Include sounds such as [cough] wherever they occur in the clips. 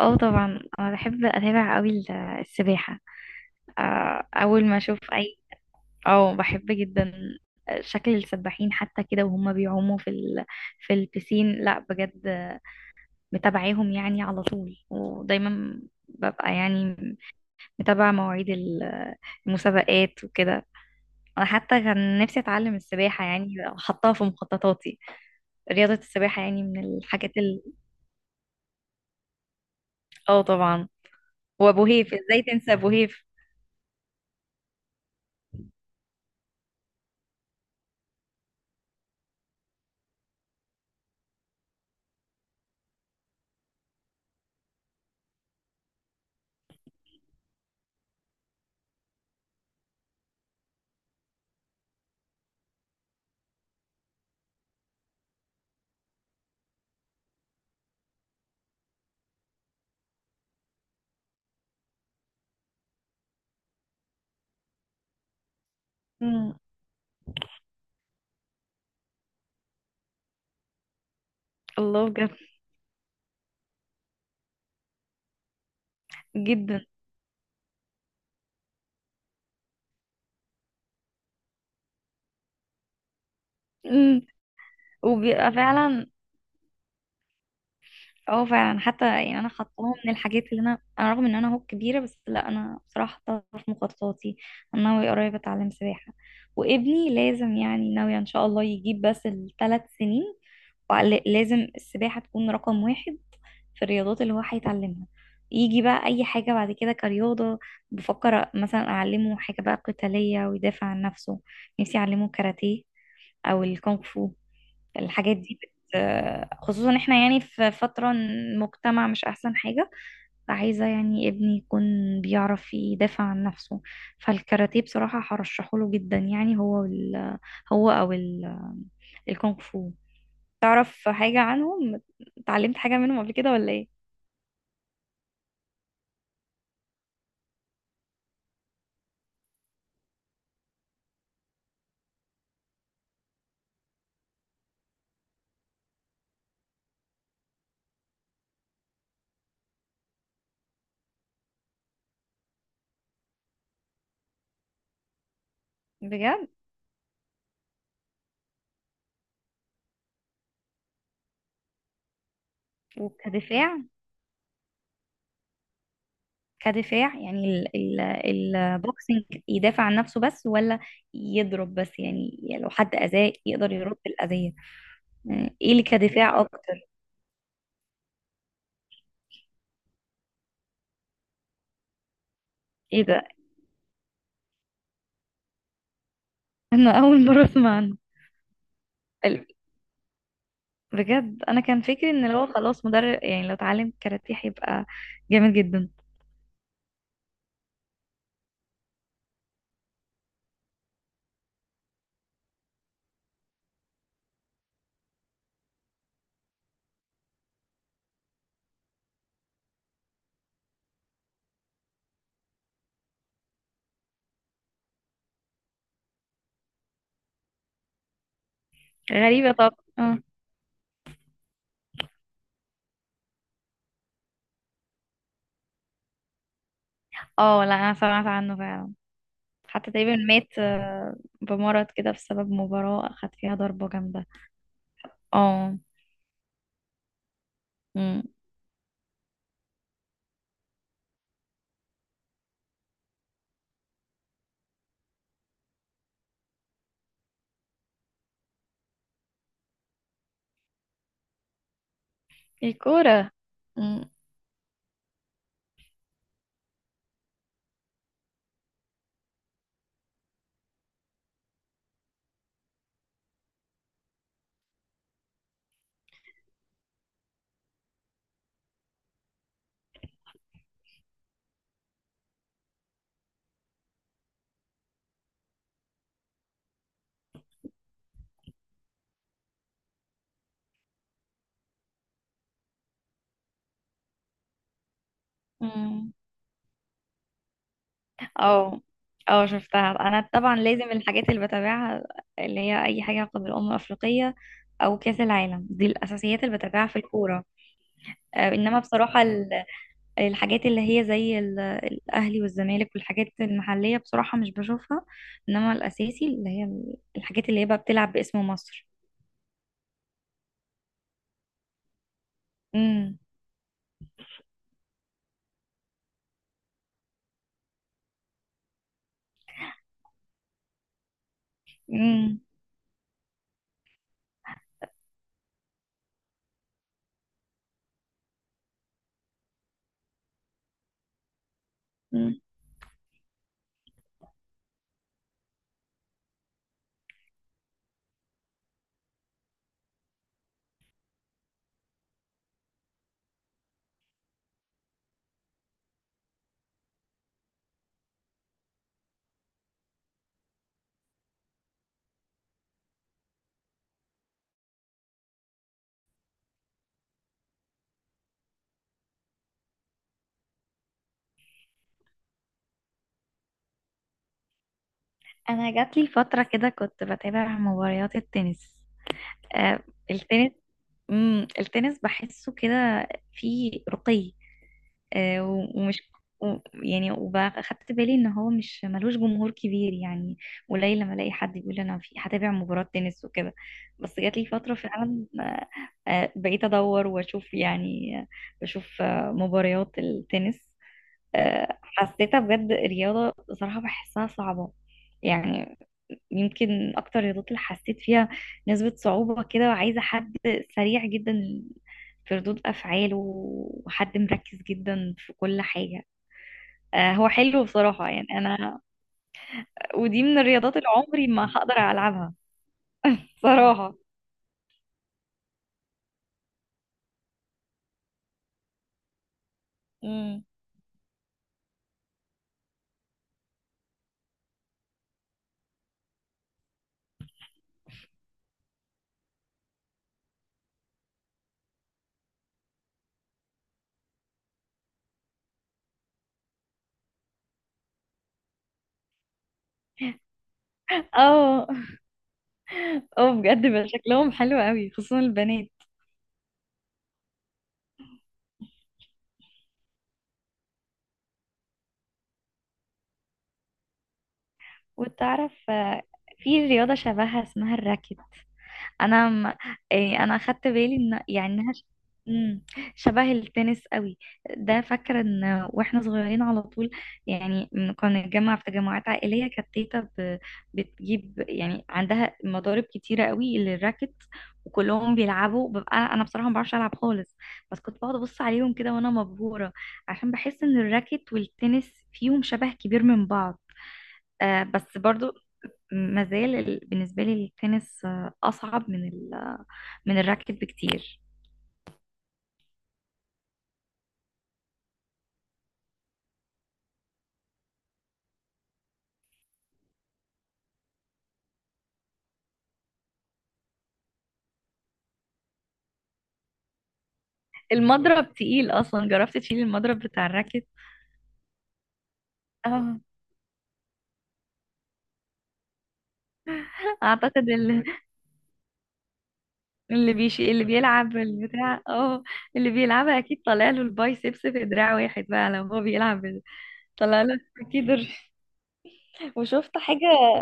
اه، طبعا انا بحب اتابع قوي السباحه. آه، اول ما اشوف اي. اه، بحب جدا شكل السباحين حتى كده وهم بيعوموا في في البسين، لا بجد. متابعاهم يعني على طول، ودايما ببقى يعني متابعه مواعيد المسابقات وكده. انا حتى كان نفسي اتعلم السباحه، يعني حطها في مخططاتي. رياضه السباحه يعني من الحاجات. اه، طبعا. وابو هيف، ازاي تنسى ابو هيف؟ مم. الله، بجد. جدا. امم. وبيبقى فعلا. اه، فعلا حتى يعني انا حطاها من الحاجات اللي انا رغم ان انا اهو كبيره، بس لا، انا بصراحه حطاها في مخططاتي. انا ناويه قريب اتعلم سباحه. وابني لازم يعني، ناويه ان شاء الله يجيب بس 3 سنين، ولازم السباحه تكون رقم 1 في الرياضات اللي هو هيتعلمها. يجي بقى اي حاجه بعد كده كرياضه. بفكر مثلا اعلمه حاجه بقى قتاليه ويدافع عن نفسه. نفسي اعلمه كاراتيه، او الكونغ فو. الحاجات دي خصوصا احنا يعني في فترة المجتمع مش احسن حاجة. فعايزة يعني ابني يكون بيعرف يدافع عن نفسه. فالكاراتيه بصراحة هرشحه له جدا، يعني هو هو او ال... الكونغ فو. تعرف حاجة عنهم؟ اتعلمت حاجة منهم قبل كده ولا ايه؟ بجد؟ وكدفاع. كدفاع يعني البوكسينج يدافع عن نفسه بس، ولا يضرب بس؟ يعني، لو حد أذاه يقدر يرد الأذية. يعني ايه اللي كدفاع اكتر؟ ايه ده، انا اول مره اسمع عنه. ال- بجد انا كان فكري ان لو خلاص مدرب، يعني لو اتعلم كاراتيه هيبقى جامد جدا. غريبه. طب اه. اه، لا، انا سمعت عنه فعلا. حتى تقريبا مات، بمرض كده بسبب مباراه اخد فيها ضربه جامده. اه. أمم. الكوره. أمم. أمم. اه. اه، شفتها انا طبعا. لازم الحاجات اللي بتابعها اللي هي اي حاجه قبل الامم الافريقيه او كاس العالم، دي الاساسيات اللي بتابعها في الكوره. انما بصراحه الحاجات اللي هي زي الأهلي والزمالك والحاجات المحلية بصراحة مش بشوفها، إنما الأساسي اللي هي الحاجات اللي هي بقى بتلعب باسم مصر. امم. امم. أمم. أنا جات لي فترة كده كنت بتابع مباريات التنس. آه، التنس. التنس بحسه كده فيه رقي. آه، و- ومش يعني وأخدت بالي إن هو مش ملوش جمهور كبير، يعني قليل لما ألاقي حد بيقول أنا في هتابع مباراة تنس وكده. بس جات لي فترة فعلا، بقيت أدور وأشوف يعني، بشوف مباريات التنس. حسيتها بجد، الرياضة صراحة بحسها صعبة يعني. يمكن أكتر الرياضات اللي حسيت فيها نسبة صعوبة كده، وعايزة حد سريع جدا في ردود أفعاله وحد مركز جدا في كل حاجة. هو حلو بصراحة، يعني أنا ودي من الرياضات اللي عمري ما هقدر ألعبها صراحة. امم. اه. اه، بجد بقى شكلهم حلو قوي، خصوصا البنات. وتعرف، في رياضة شبهها اسمها الراكت. انا م... إيه، انا اخدت بالي ان يعني مم، شبه التنس قوي. ده فاكره ان واحنا صغيرين على طول يعني كنا نتجمع في تجمعات عائليه، كانت تيتا بتجيب يعني عندها مضارب كتيره قوي للراكت. وكلهم بيلعبوا، ببقى انا بصراحه ما بعرفش العب خالص. بس كنت بقعد ابص عليهم كده وانا مبهوره، عشان بحس ان الراكت والتنس فيهم شبه كبير من بعض. آه، بس برضو ما زال بالنسبه لي التنس، اصعب من من الراكت بكتير. المضرب تقيل، اصلا جربت تشيل المضرب بتاع الراكت؟ اه. اعتقد اللي اللي بيلعب البتاع، اه، اللي بيلعبها اكيد طالع له البايسبس في دراع واحد، بقى لو هو بيلعب طالع له اكيد [laughs] وشفت حاجه.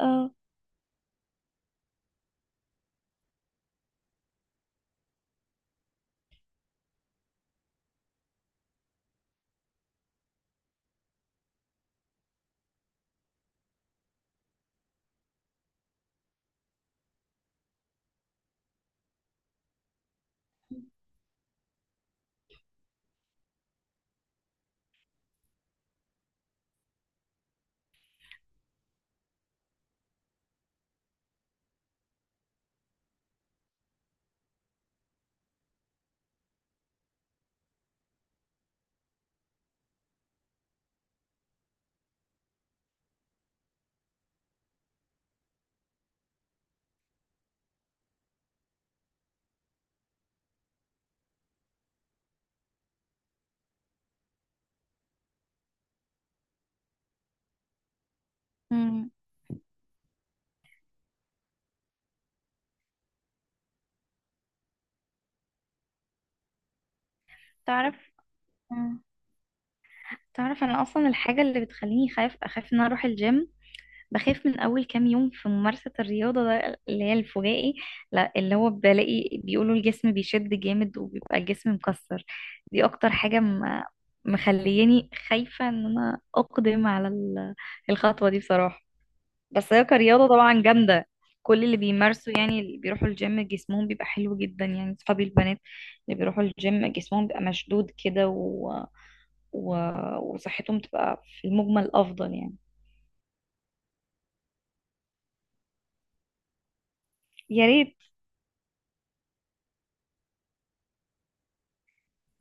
اه. أمم. تعرف؟ أمم. تعرف، انا اصلا الحاجه اللي بتخليني خايف، اخاف ان أنا اروح الجيم. بخاف من أول كام يوم في ممارسة الرياضة، ده اللي هي الفجائي. لا، اللي هو بلاقي بيقولوا الجسم بيشد جامد وبيبقى الجسم مكسر. دي أكتر حاجة مخلياني خايفة إن أنا أقدم على الخطوة دي بصراحة. بس هي كرياضة طبعا جامدة. كل اللي بيمارسوا، يعني اللي بيروحوا الجيم جسمهم بيبقى حلو جدا، يعني صحابي البنات اللي بيروحوا الجيم جسمهم بيبقى مشدود كده و... وصحتهم تبقى في المجمل أفضل يعني. يا ريت.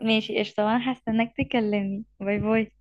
ماشي، قشطة، وانا هستناك تكلمني. باي باي.